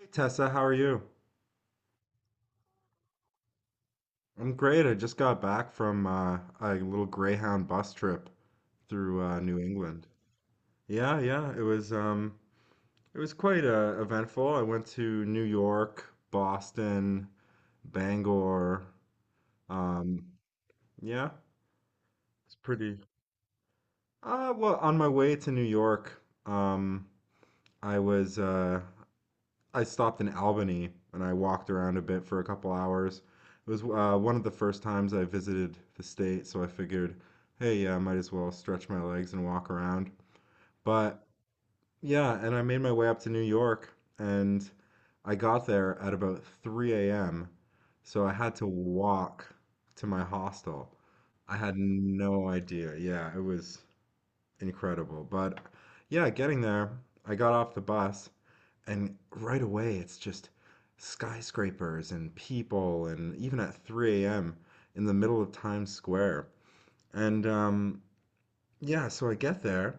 Hey Tessa, how are you? I'm great. I just got back from a little Greyhound bus trip through New England. Yeah, yeah, it was quite eventful. I went to New York, Boston, Bangor. Um, yeah, it's pretty. Well, on my way to New York, I was uh, I stopped in Albany and I walked around a bit for a couple hours. It was one of the first times I visited the state, so I figured, hey, yeah, I might as well stretch my legs and walk around. But yeah, and I made my way up to New York and I got there at about 3 a.m. So I had to walk to my hostel. I had no idea. Yeah, it was incredible. But yeah, getting there, I got off the bus and right away, it's just skyscrapers and people, and even at 3 a.m. in the middle of Times Square. And Yeah, so I get there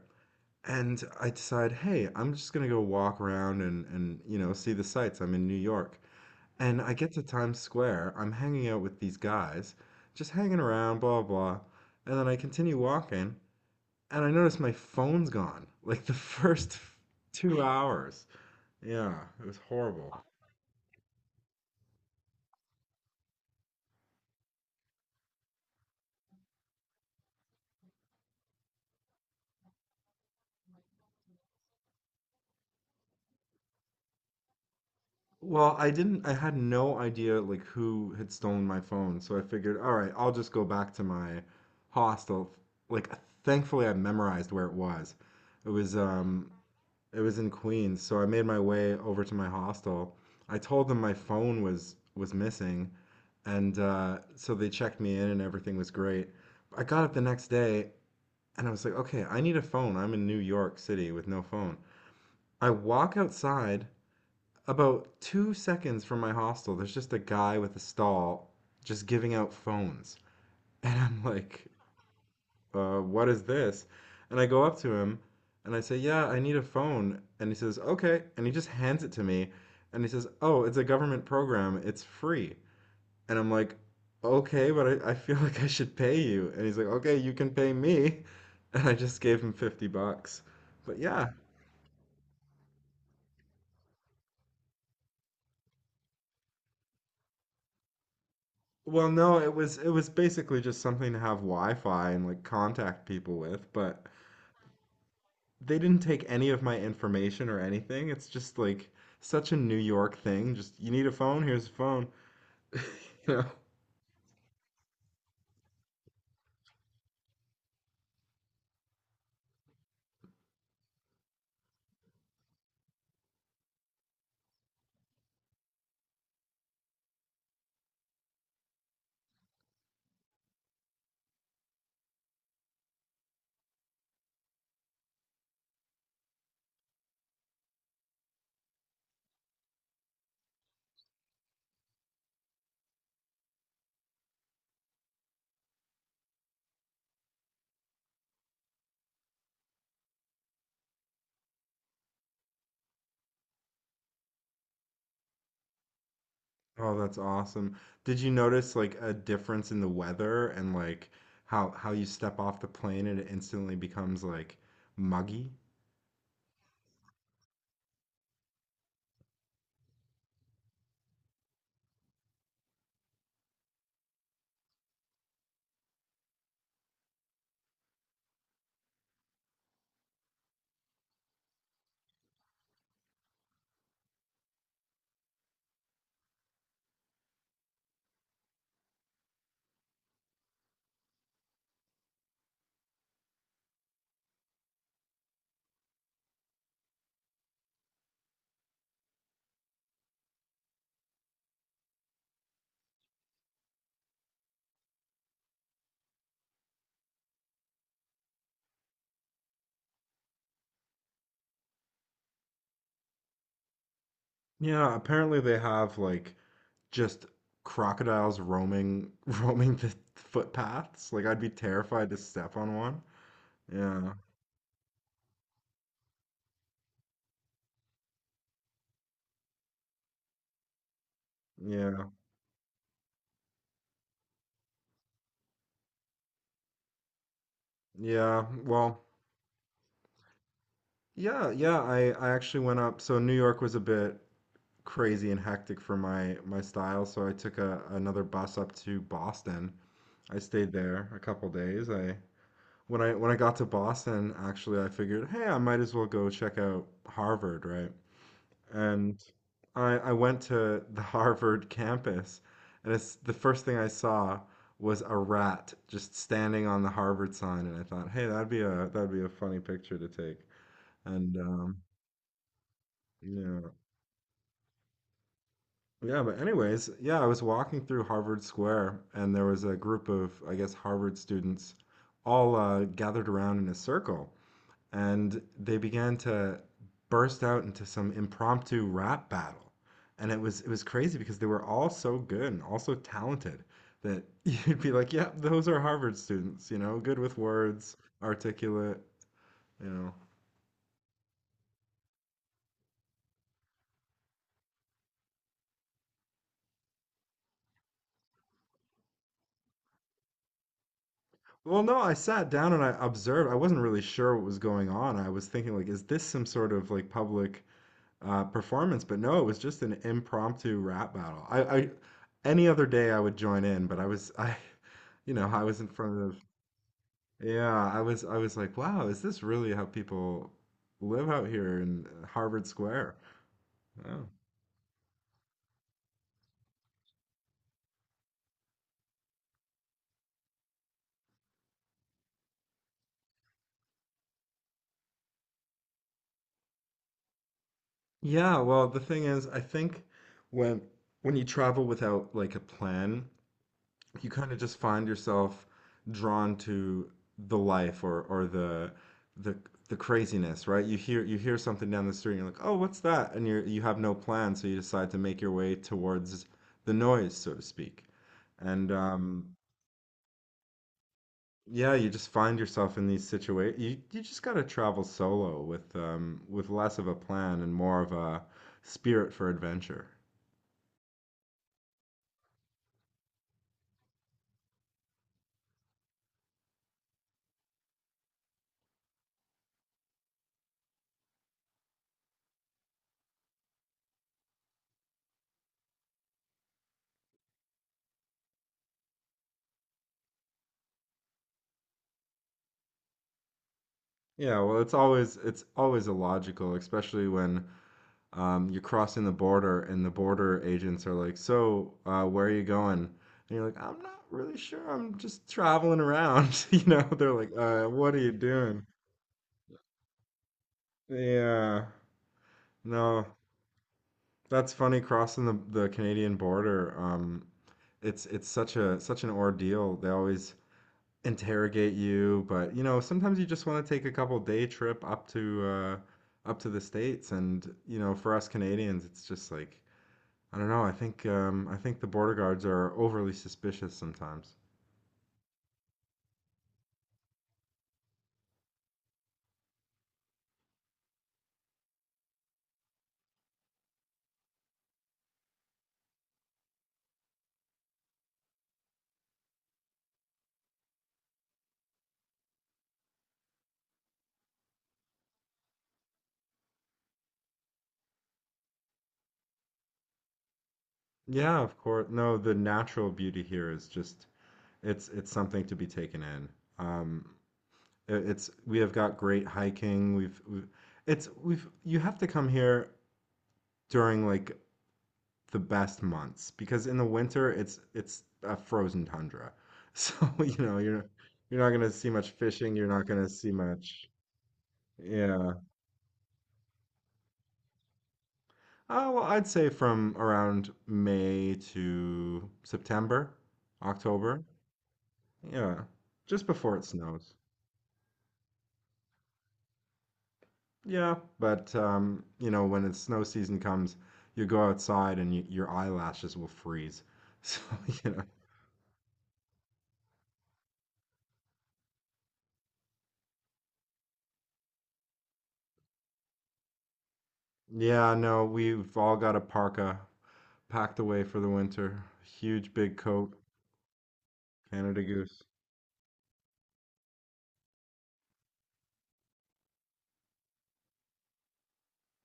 and I decide, hey, I'm just gonna go walk around and see the sights. I'm in New York, and I get to Times Square. I'm hanging out with these guys, just hanging around, blah blah, and then I continue walking, and I notice my phone's gone. Like the first 2 hours. Yeah, it was horrible. Well, I had no idea like who had stolen my phone, so I figured, all right, I'll just go back to my hostel. Like, thankfully, I memorized where it was. It was, um, it was in Queens, so I made my way over to my hostel. I told them my phone was missing, and so they checked me in, and everything was great. I got up the next day, and I was like, okay, I need a phone. I'm in New York City with no phone. I walk outside about 2 seconds from my hostel, there's just a guy with a stall just giving out phones. And I'm like, what is this? And I go up to him and I say, yeah, I need a phone. And he says, okay. And he just hands it to me. And he says, oh, it's a government program. It's free. And I'm like, okay, I feel like I should pay you. And he's like, okay, you can pay me. And I just gave him 50 bucks. But yeah. Well, no, it was basically just something to have Wi-Fi and like contact people with, but they didn't take any of my information or anything. It's just like such a New York thing. Just you need a phone, here's a phone. You know? Oh, that's awesome. Did you notice like a difference in the weather and like how you step off the plane and it instantly becomes like muggy? Yeah, apparently they have like just crocodiles roaming roaming the footpaths. Like I'd be terrified to step on one. Yeah. Yeah. Yeah. Well, yeah, yeah. I actually went up. So New York was a bit crazy and hectic for my style, so I took a another bus up to Boston. I stayed there a couple days. I when I when I got to Boston, actually, I figured, hey, I might as well go check out Harvard, right? And I went to the Harvard campus, and it's the first thing I saw was a rat just standing on the Harvard sign, and I thought, hey, that'd be a funny picture to take. And Yeah, yeah. But anyways, yeah, I was walking through Harvard Square, and there was a group of, I guess, Harvard students all gathered around in a circle, and they began to burst out into some impromptu rap battle. And it was crazy because they were all so good and all so talented that you'd be like, yeah, those are Harvard students, you know, good with words, articulate, you know." Well, no, I sat down and I observed. I wasn't really sure what was going on. I was thinking like, is this some sort of like public performance? But no, it was just an impromptu rap battle. I Any other day I would join in, but I was you know, I was in front of. Yeah, I was like, wow, is this really how people live out here in Harvard Square? Oh. Yeah, well, the thing is, I think when when you travel without like a plan, you kind of just find yourself drawn to the life or the the craziness, right? You hear something down the street and you're like, "Oh, what's that?" And you have no plan, so you decide to make your way towards the noise, so to speak. And Yeah, you just find yourself in these situations. You just got to travel solo with less of a plan and more of a spirit for adventure. Yeah, well, it's always illogical, especially when you're crossing the border and the border agents are like, "So, where are you going?" And you're like, "I'm not really sure. I'm just traveling around." You know, they're like, what are you doing?" Yeah. No, that's funny crossing the Canadian border. It's such an ordeal. They always interrogate you, but you know, sometimes you just want to take a couple day trip up to up to the States and you know, for us Canadians, it's just like I don't know, I think the border guards are overly suspicious sometimes. Yeah, of course. No, the natural beauty here is just it's something to be taken in. Um, It's We have got great hiking. We've you have to come here during like the best months because in the winter it's a frozen tundra. So, you know, you're not gonna see much fishing, you're not gonna see much. Yeah. Well, I'd say from around May to September, October. Yeah. Just before it snows. Yeah, but you know, when it's snow season comes, you go outside and y your eyelashes will freeze. So, you know. Yeah, no, we've all got a parka packed away for the winter. Huge big coat, Canada Goose.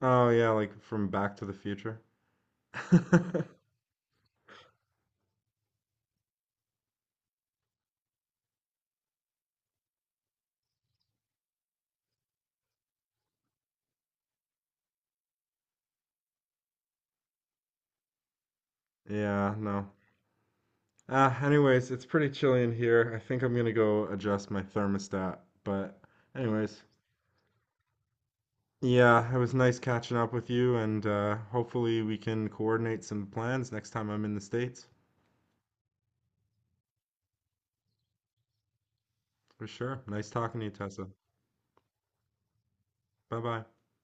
Oh yeah, like from Back to the Future. Yeah, no. Anyways, it's pretty chilly in here. I think I'm gonna go adjust my thermostat. But anyways, yeah, it was nice catching up with you, and hopefully we can coordinate some plans next time I'm in the States. For sure. Nice talking to you, Tessa. Bye bye.